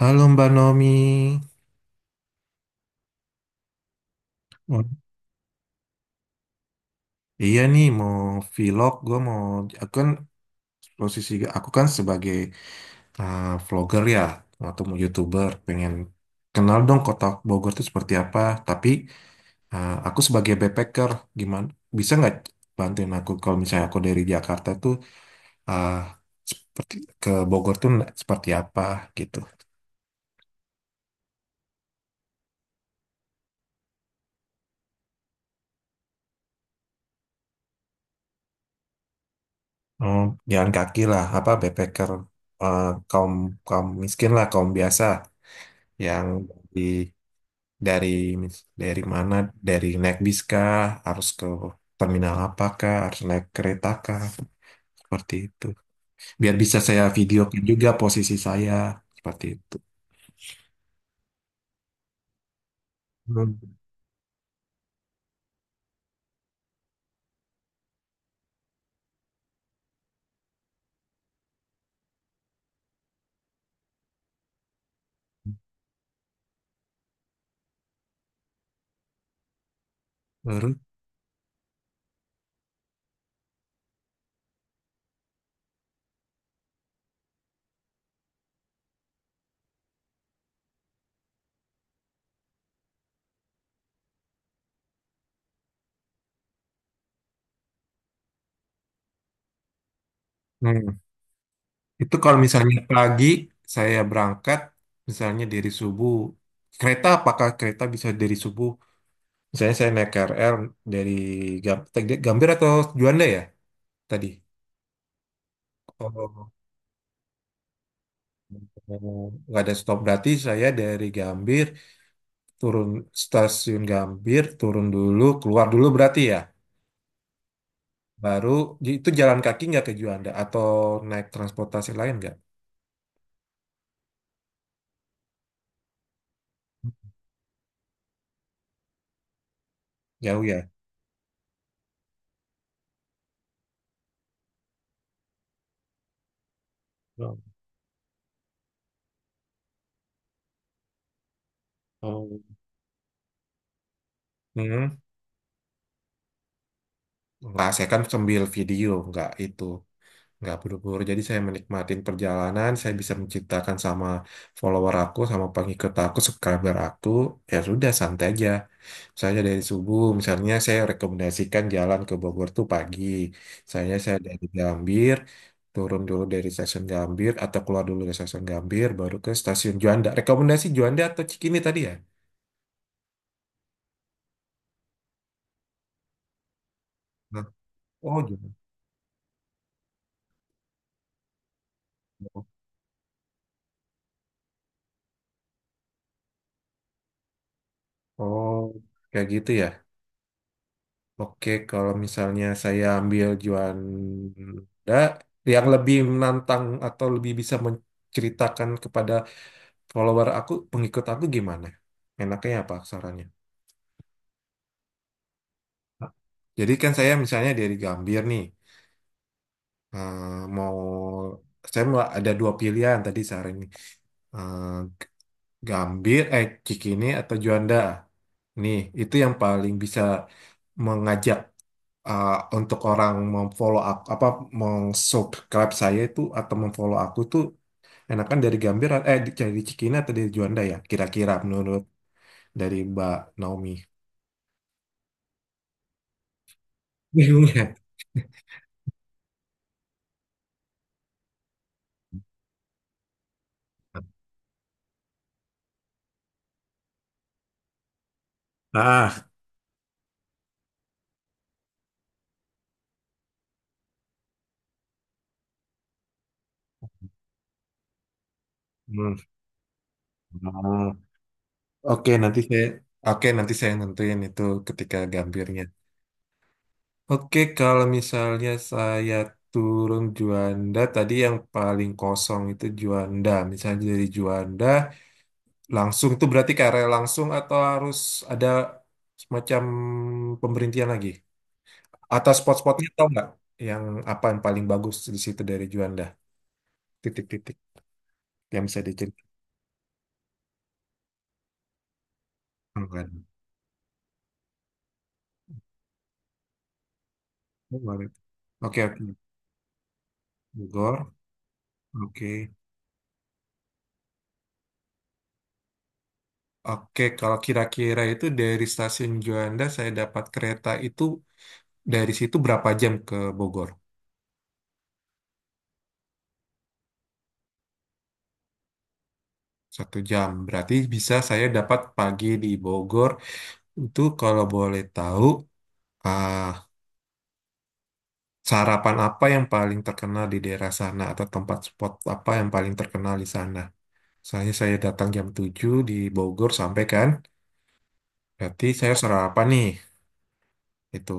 Halo Mbak Nomi. Oh, iya nih mau vlog, aku kan posisi aku kan sebagai vlogger ya, atau mau YouTuber, pengen kenal dong kota Bogor itu seperti apa, tapi aku sebagai backpacker, gimana, bisa nggak bantuin aku kalau misalnya aku dari Jakarta tuh eh, seperti ke Bogor tuh seperti apa gitu. Oh, jalan kaki lah, apa backpacker eh, kaum kaum miskin lah, kaum biasa yang di dari dari mana dari naik bis kah harus ke terminal apakah harus naik kereta kah seperti itu biar bisa saya videokan juga posisi saya seperti itu. Hmm, baru hmm. Itu kalau misalnya pagi saya berangkat misalnya dari subuh kereta apakah kereta bisa dari subuh misalnya saya naik KRL dari Gam- Gambir atau Juanda ya tadi. Oh, oh, nggak ada stop berarti saya dari Gambir turun stasiun Gambir, turun dulu, keluar dulu berarti ya. Baru itu jalan kaki nggak ke Juanda atau naik transportasi lain nggak? Jauh ya. Oh, oh. Hmm. Nggak, saya kan sambil video, nggak itu. Nggak buru-buru, jadi saya menikmatin perjalanan, saya bisa menceritakan sama follower aku, sama pengikut aku, subscriber aku, ya sudah santai aja. Misalnya dari subuh, misalnya saya rekomendasikan jalan ke Bogor tuh pagi. Misalnya saya dari Gambir, turun dulu dari stasiun Gambir atau keluar dulu dari stasiun Gambir, baru ke stasiun Juanda. Rekomendasi Juanda atau Cikini tadi ya? Nah, oh, Juanda. Oh, kayak gitu ya. Oke, kalau misalnya saya ambil Juanda, yang lebih menantang atau lebih bisa menceritakan kepada follower aku, pengikut aku gimana? Enaknya apa sarannya? Jadi kan saya misalnya dari Gambir nih, eh, mau saya mau ada dua pilihan tadi sehari ini. Eh, Gambir, eh Cikini atau Juanda. Nih itu yang paling bisa mengajak eh, untuk orang memfollow aku, apa meng-subscribe saya itu atau memfollow aku tuh enakan dari Gambir, eh dari Cikini atau dari Juanda ya, kira-kira menurut dari Mbak Naomi. Bingung ya? Ah, hmm. Oke, nanti saya Oke, nanti saya nentuin itu ketika gambirnya. Oke, kalau misalnya saya turun Juanda, tadi yang paling kosong itu Juanda. Misalnya dari Juanda, langsung tuh berarti ke area langsung atau harus ada semacam pemberhentian lagi? Atau spot-spotnya tau nggak? Yang apa yang paling bagus di situ dari Juanda? Titik-titik yang bisa diceritakan. Oh, nggak ada. Oh, nggak ada. Oke, oke. Bogor. Oke. Oke, kalau kira-kira itu dari stasiun Juanda saya dapat kereta itu dari situ berapa jam ke Bogor? 1 jam. Berarti bisa saya dapat pagi di Bogor. Itu kalau boleh tahu, ah, sarapan apa yang paling terkenal di daerah sana atau tempat spot apa yang paling terkenal di sana? Misalnya saya datang jam 7 di Bogor sampai kan, berarti saya sarapan nih. Itu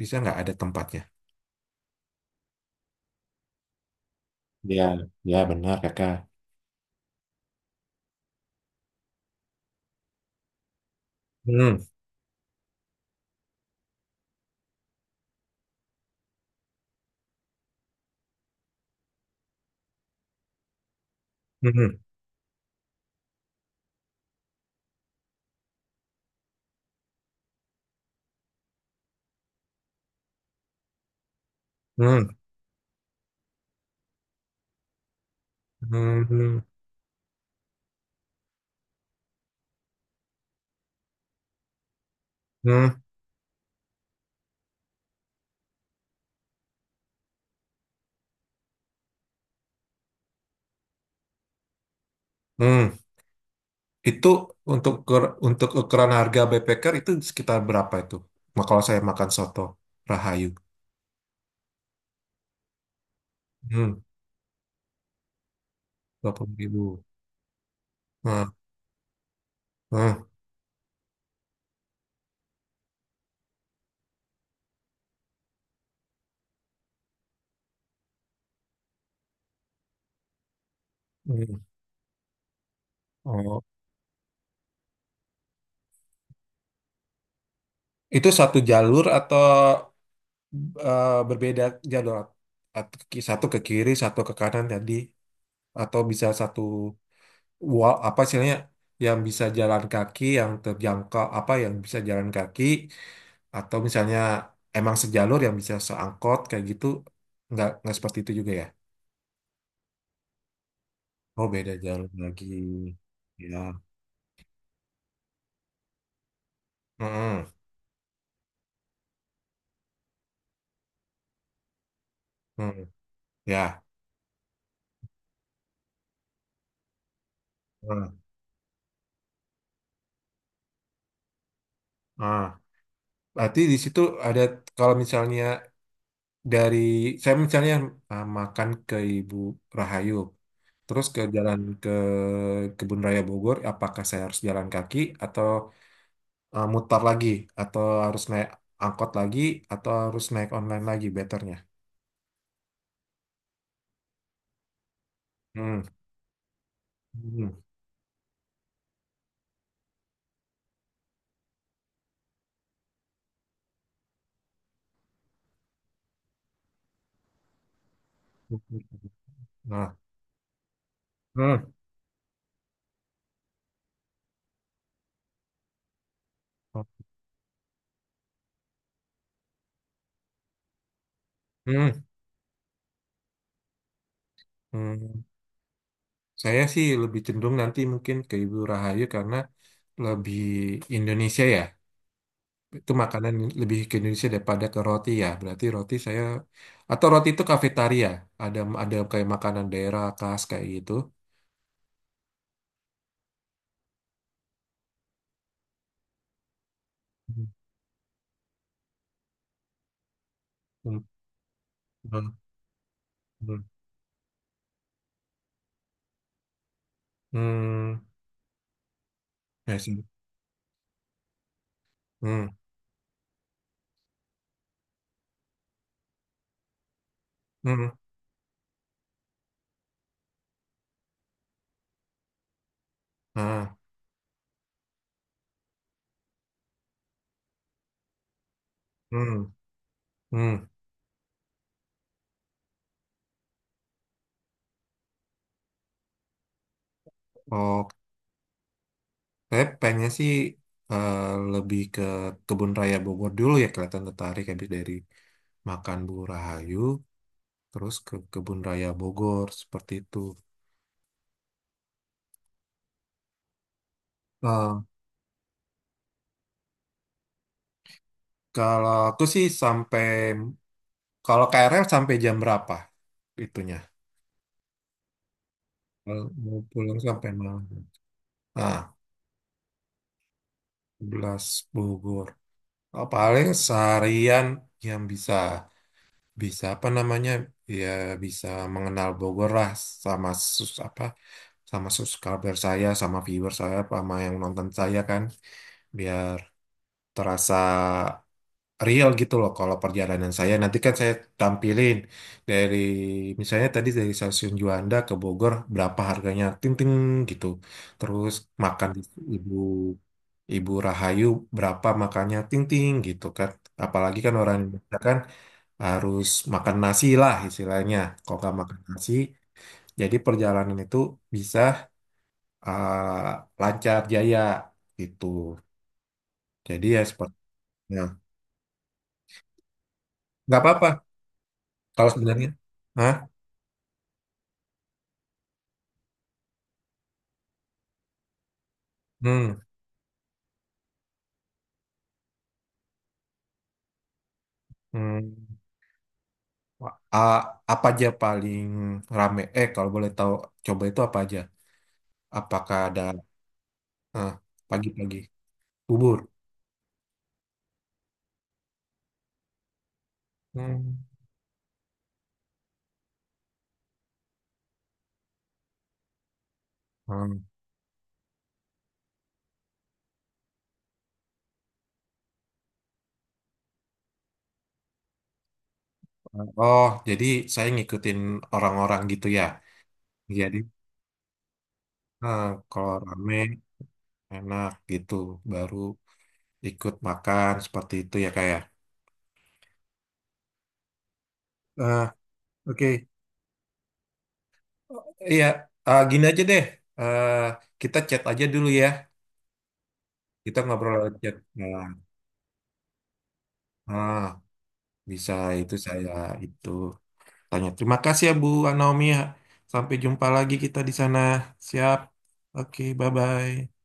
bisa nggak ada tempatnya? Ya, ya benar kakak. Hmm, hmm, hmm. Hmm, hmm, hmm. Itu untuk untuk ukuran harga backpacker itu sekitar berapa itu? Nah, kalau saya makan soto Rahayu. Hmm, 20.000. Hmm, hmm, hmm. Oh, itu satu jalur atau berbeda jalur? Satu ke kiri, satu ke kanan tadi, atau bisa satu wall apa istilahnya yang bisa jalan kaki, yang terjangkau apa yang bisa jalan kaki, atau misalnya emang sejalur yang bisa seangkot kayak gitu, nggak seperti itu juga ya? Oh beda jalur lagi, ya. Mm-mm. Mm. Ya. Mm. Ah. Berarti di situ ada kalau misalnya dari saya misalnya ah, makan ke Ibu Rahayu, terus ke jalan ke Kebun Raya Bogor, apakah saya harus jalan kaki atau mutar lagi, atau harus naik angkot lagi, atau harus naik online lagi, betternya. Hmm. Hmm. Hmm. Hmm. Nah, hmm, hmm, hmm. Saya sih lebih cenderung nanti mungkin ke Ibu Rahayu karena lebih Indonesia ya. Itu makanan lebih ke Indonesia daripada ke roti ya. Berarti roti saya atau roti itu kafetaria. Ada kayak makanan daerah khas kayak gitu. Hmm, hmm, hmm, hmm. Hmm, I see. Hmm, hmm, ah, hmm, hmm. Oh. Saya pengennya sih eh, lebih ke Kebun Raya Bogor dulu ya kelihatan tertarik habis dari makan Bu Rahayu terus ke Kebun Raya Bogor seperti itu. Eh, kalau aku sih sampai kalau KRL sampai jam berapa itunya? Kalau Mau pulang sampai malam. Ah, 11 Bogor. Oh, paling seharian yang bisa. Bisa apa namanya ya bisa mengenal Bogor lah sama sus apa sama subscriber saya sama viewer saya sama yang nonton saya kan biar terasa real gitu loh kalau perjalanan saya nanti kan saya tampilin dari misalnya tadi dari stasiun Juanda ke Bogor berapa harganya ting ting gitu terus makan di ibu ibu Rahayu berapa makannya ting ting gitu kan apalagi kan orang Indonesia kan harus makan nasi lah istilahnya kalau nggak makan nasi jadi perjalanan itu bisa ah, lancar jaya gitu jadi ya sepertinya nggak apa-apa kalau sebenarnya. Hah? Hmm. Hmm, a- apa aja paling rame? Eh, kalau boleh tahu, coba itu apa aja? Apakah ada eh, pagi-pagi bubur? Hmm. Hmm. Oh, jadi saya ngikutin orang-orang gitu ya. Jadi eh, kalau rame enak gitu, baru ikut makan seperti itu ya kayak. Eh, oke, iya, gini aja deh. Eh, kita chat aja dulu ya. Kita ngobrol lewat chat. Nah, ah, bisa itu saya itu. Tanya. Terima kasih ya Bu Naomi. Sampai jumpa lagi kita di sana. Siap. Oke, bye-bye.